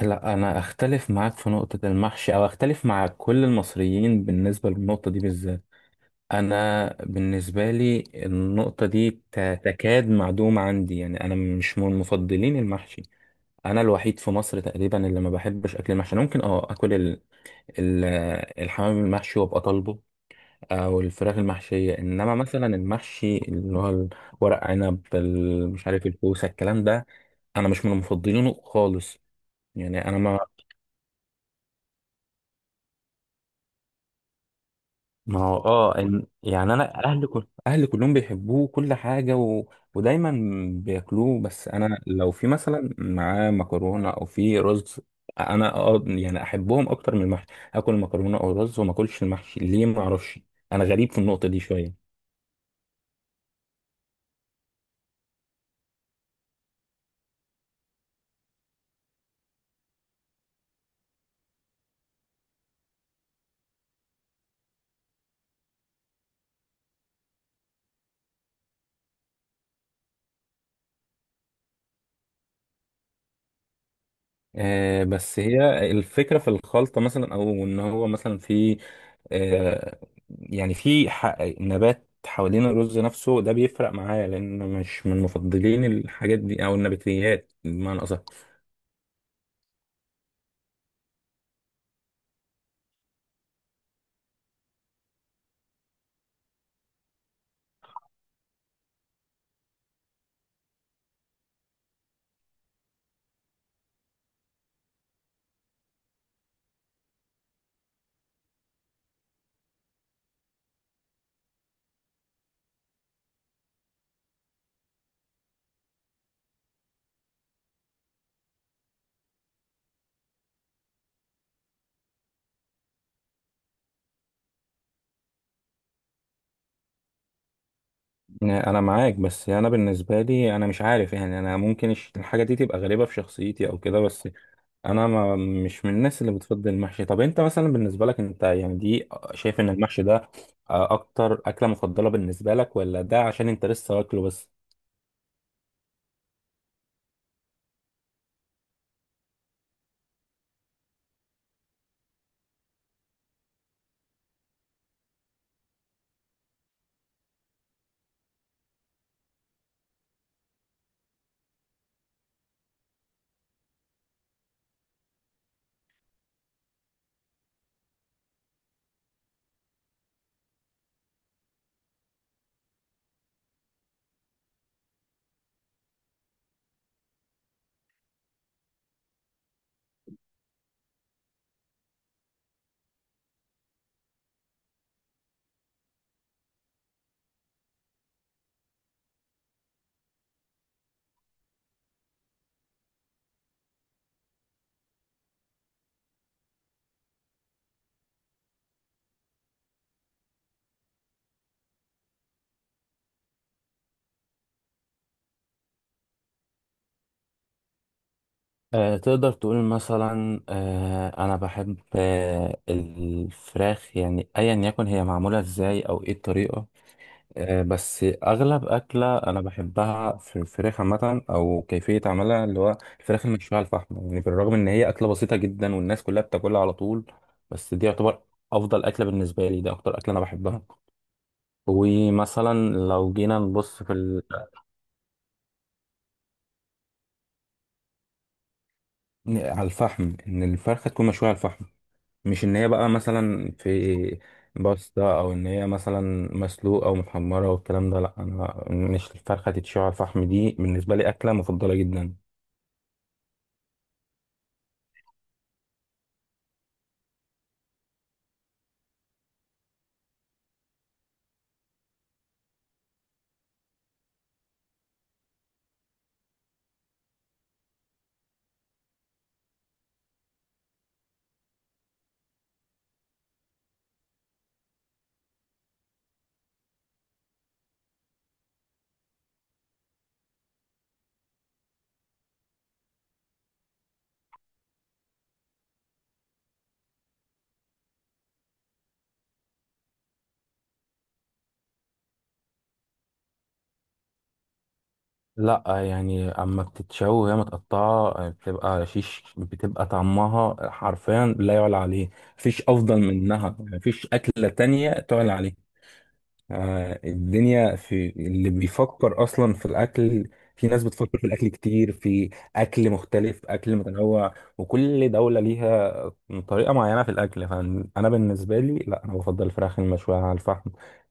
لا، انا اختلف معاك في نقطة المحشي، او اختلف مع كل المصريين بالنسبة للنقطة دي بالذات. انا بالنسبة لي النقطة دي تكاد معدومة عندي، يعني انا مش من مفضلين المحشي. انا الوحيد في مصر تقريبا اللي ما بحبش اكل المحشي. أنا ممكن اكل ال- الحمام المحشي وابقى طالبه، او الفراخ المحشية. انما مثلا المحشي اللي هو ورق عنب، مش عارف، الكوسة، الكلام ده انا مش من مفضلينه خالص. يعني انا ما ما هو يعني انا اهلي كل اهلي كلهم بيحبوه كل حاجه ودايما بياكلوه، بس انا لو في مثلا معاه مكرونه او في رز، انا يعني احبهم اكتر من المحشي، اكل مكرونه او رز وما اكلش المحشي. ليه؟ ما اعرفش. انا غريب في النقطه دي شويه. بس هي الفكرة في الخلطة مثلا، أو إن هو مثلا في آه، يعني في نبات حوالين الرز نفسه، ده بيفرق معايا لأن مش من مفضلين الحاجات دي، أو النباتيات بمعنى أصح. أنا معاك، بس أنا بالنسبة لي أنا مش عارف، يعني أنا ممكن الحاجة دي تبقى غريبة في شخصيتي أو كده، بس أنا ما مش من الناس اللي بتفضل المحشي. طب أنت مثلا بالنسبة لك، أنت يعني دي، شايف إن المحشي ده أكتر أكلة مفضلة بالنسبة لك، ولا ده عشان أنت لسه واكله بس؟ تقدر تقول مثلا، انا بحب الفراخ، يعني ايا يكن هي معموله ازاي او ايه الطريقه. بس اغلب اكله انا بحبها في الفراخ عامه، او كيفيه عملها اللي هو الفراخ المشويه على الفحم. يعني بالرغم ان هي اكله بسيطه جدا والناس كلها بتاكلها على طول، بس دي يعتبر افضل اكله بالنسبه لي، ده اكتر اكله انا بحبها. ومثلا لو جينا نبص في على الفحم، ان الفرخه تكون مشويه على الفحم. مش ان هي بقى مثلا في باستا، او ان هي مثلا مسلوقه او محمره والكلام ده، لا، انا مش، الفرخه تتشوي على الفحم دي بالنسبه لي اكله مفضله جدا. لا، يعني اما بتتشوي وهي متقطعه بتبقى شيش، بتبقى طعمها حرفيا لا يعلى عليه. مفيش افضل منها، مفيش اكله تانية تعلى عليها. الدنيا، في اللي بيفكر اصلا في الاكل، في ناس بتفكر في الاكل كتير، في اكل مختلف اكل متنوع، وكل دوله ليها طريقه معينه في الاكل. فانا بالنسبه لي، لا، انا بفضل الفراخ المشويه على الفحم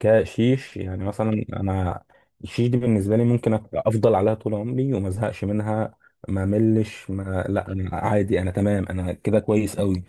كشيش. يعني مثلا انا الشيش دي بالنسبه لي ممكن أبقى افضل عليها طول عمري وما ازهقش منها. ما ملش، ما لا، انا عادي، انا تمام، انا كده كويس قوي.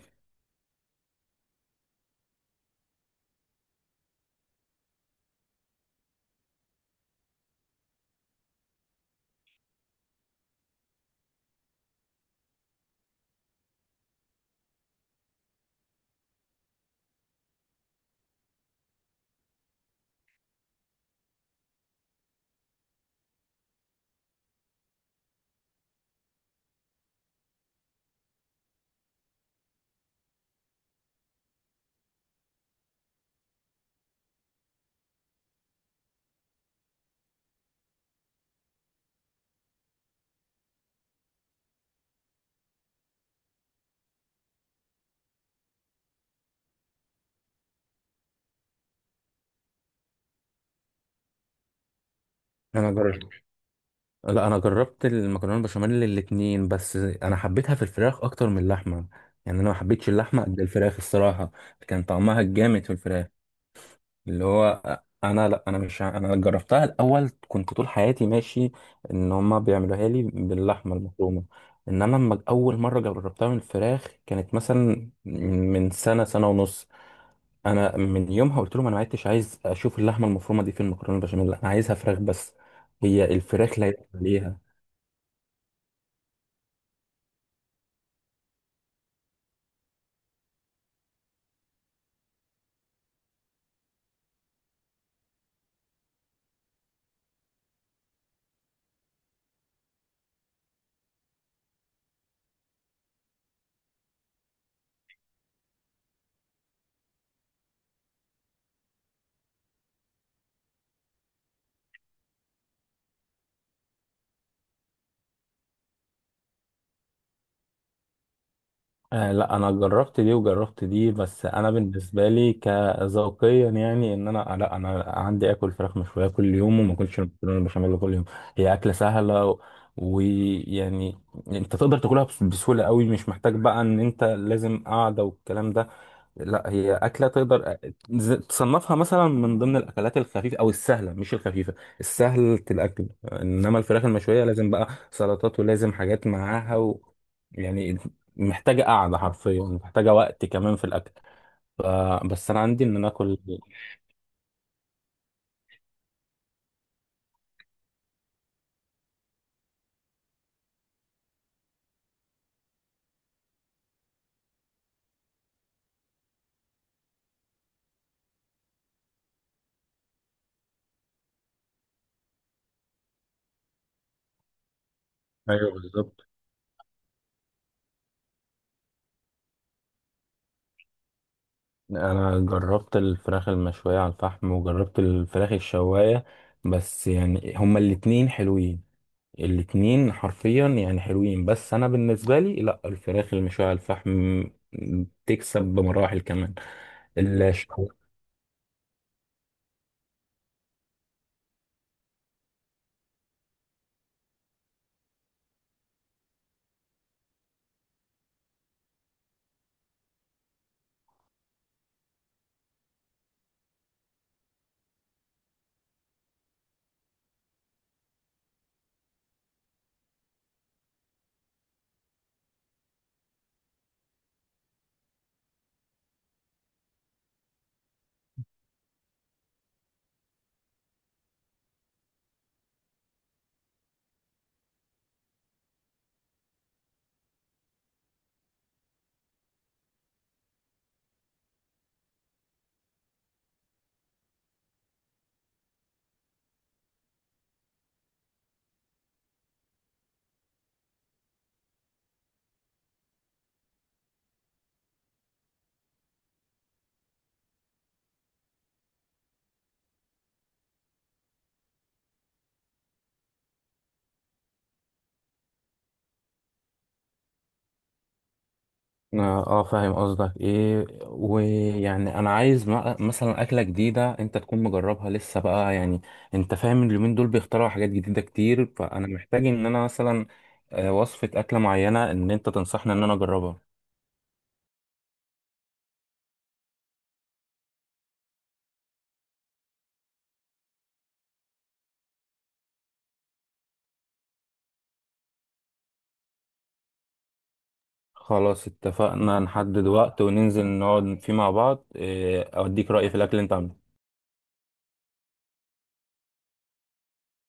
انا جربت لا، انا جربت المكرونه البشاميل الاتنين، بس انا حبيتها في الفراخ اكتر من اللحمه. يعني انا ما حبيتش اللحمه قد الفراخ، الصراحه كان طعمها الجامد في الفراخ. اللي هو، انا لا انا مش ع- انا جربتها الاول، كنت طول حياتي ماشي ان هما بيعملوها لي باللحمه المفرومه. انما لما اول مره جربتها من الفراخ كانت مثلا من سنه، سنه ونص، انا من يومها قلت لهم انا ما عدتش عايز اشوف اللحمه المفرومه دي في المكرونه البشاميل، انا عايزها فراخ بس. هي الفراخ لا يعلى عليها. آه، لا، انا جربت دي وجربت دي، بس انا بالنسبه لي كذوقيا، يعني ان انا لا انا عندي اكل فراخ مشويه كل يوم وما اكلش المكرونه بشاميل كل يوم. هي اكله سهله و- ويعني انت تقدر تاكلها بسهوله قوي، مش محتاج بقى ان انت لازم قاعده والكلام ده. لا، هي أكلة تقدر تصنفها مثلا من ضمن الأكلات الخفيفة أو السهلة، مش الخفيفة، السهل الأكل. إنما الفراخ المشوية لازم بقى سلطات ولازم حاجات معاها يعني محتاجة قعدة، حرفيا محتاجة وقت كمان في الأكل ف... بس أنا عندي إن أنا آكل. ايوه، بالظبط. أنا جربت الفراخ المشوية على الفحم وجربت الفراخ الشواية، بس يعني هما الاتنين حلوين، الاتنين حرفيا يعني حلوين، بس انا بالنسبه لي، لا، الفراخ المشويه على الفحم تكسب بمراحل كمان. الشو اه، فاهم قصدك ايه، ويعني انا عايز مثلا اكله جديده انت تكون مجربها لسه، بقى يعني انت فاهم، اليومين دول بيخترعوا حاجات جديده كتير، فانا محتاج ان انا مثلا وصفه اكله معينه ان انت تنصحني ان انا اجربها. خلاص، اتفقنا، نحدد وقت وننزل نقعد فيه مع بعض اوديك رايي في الاكل اللي انت عامله.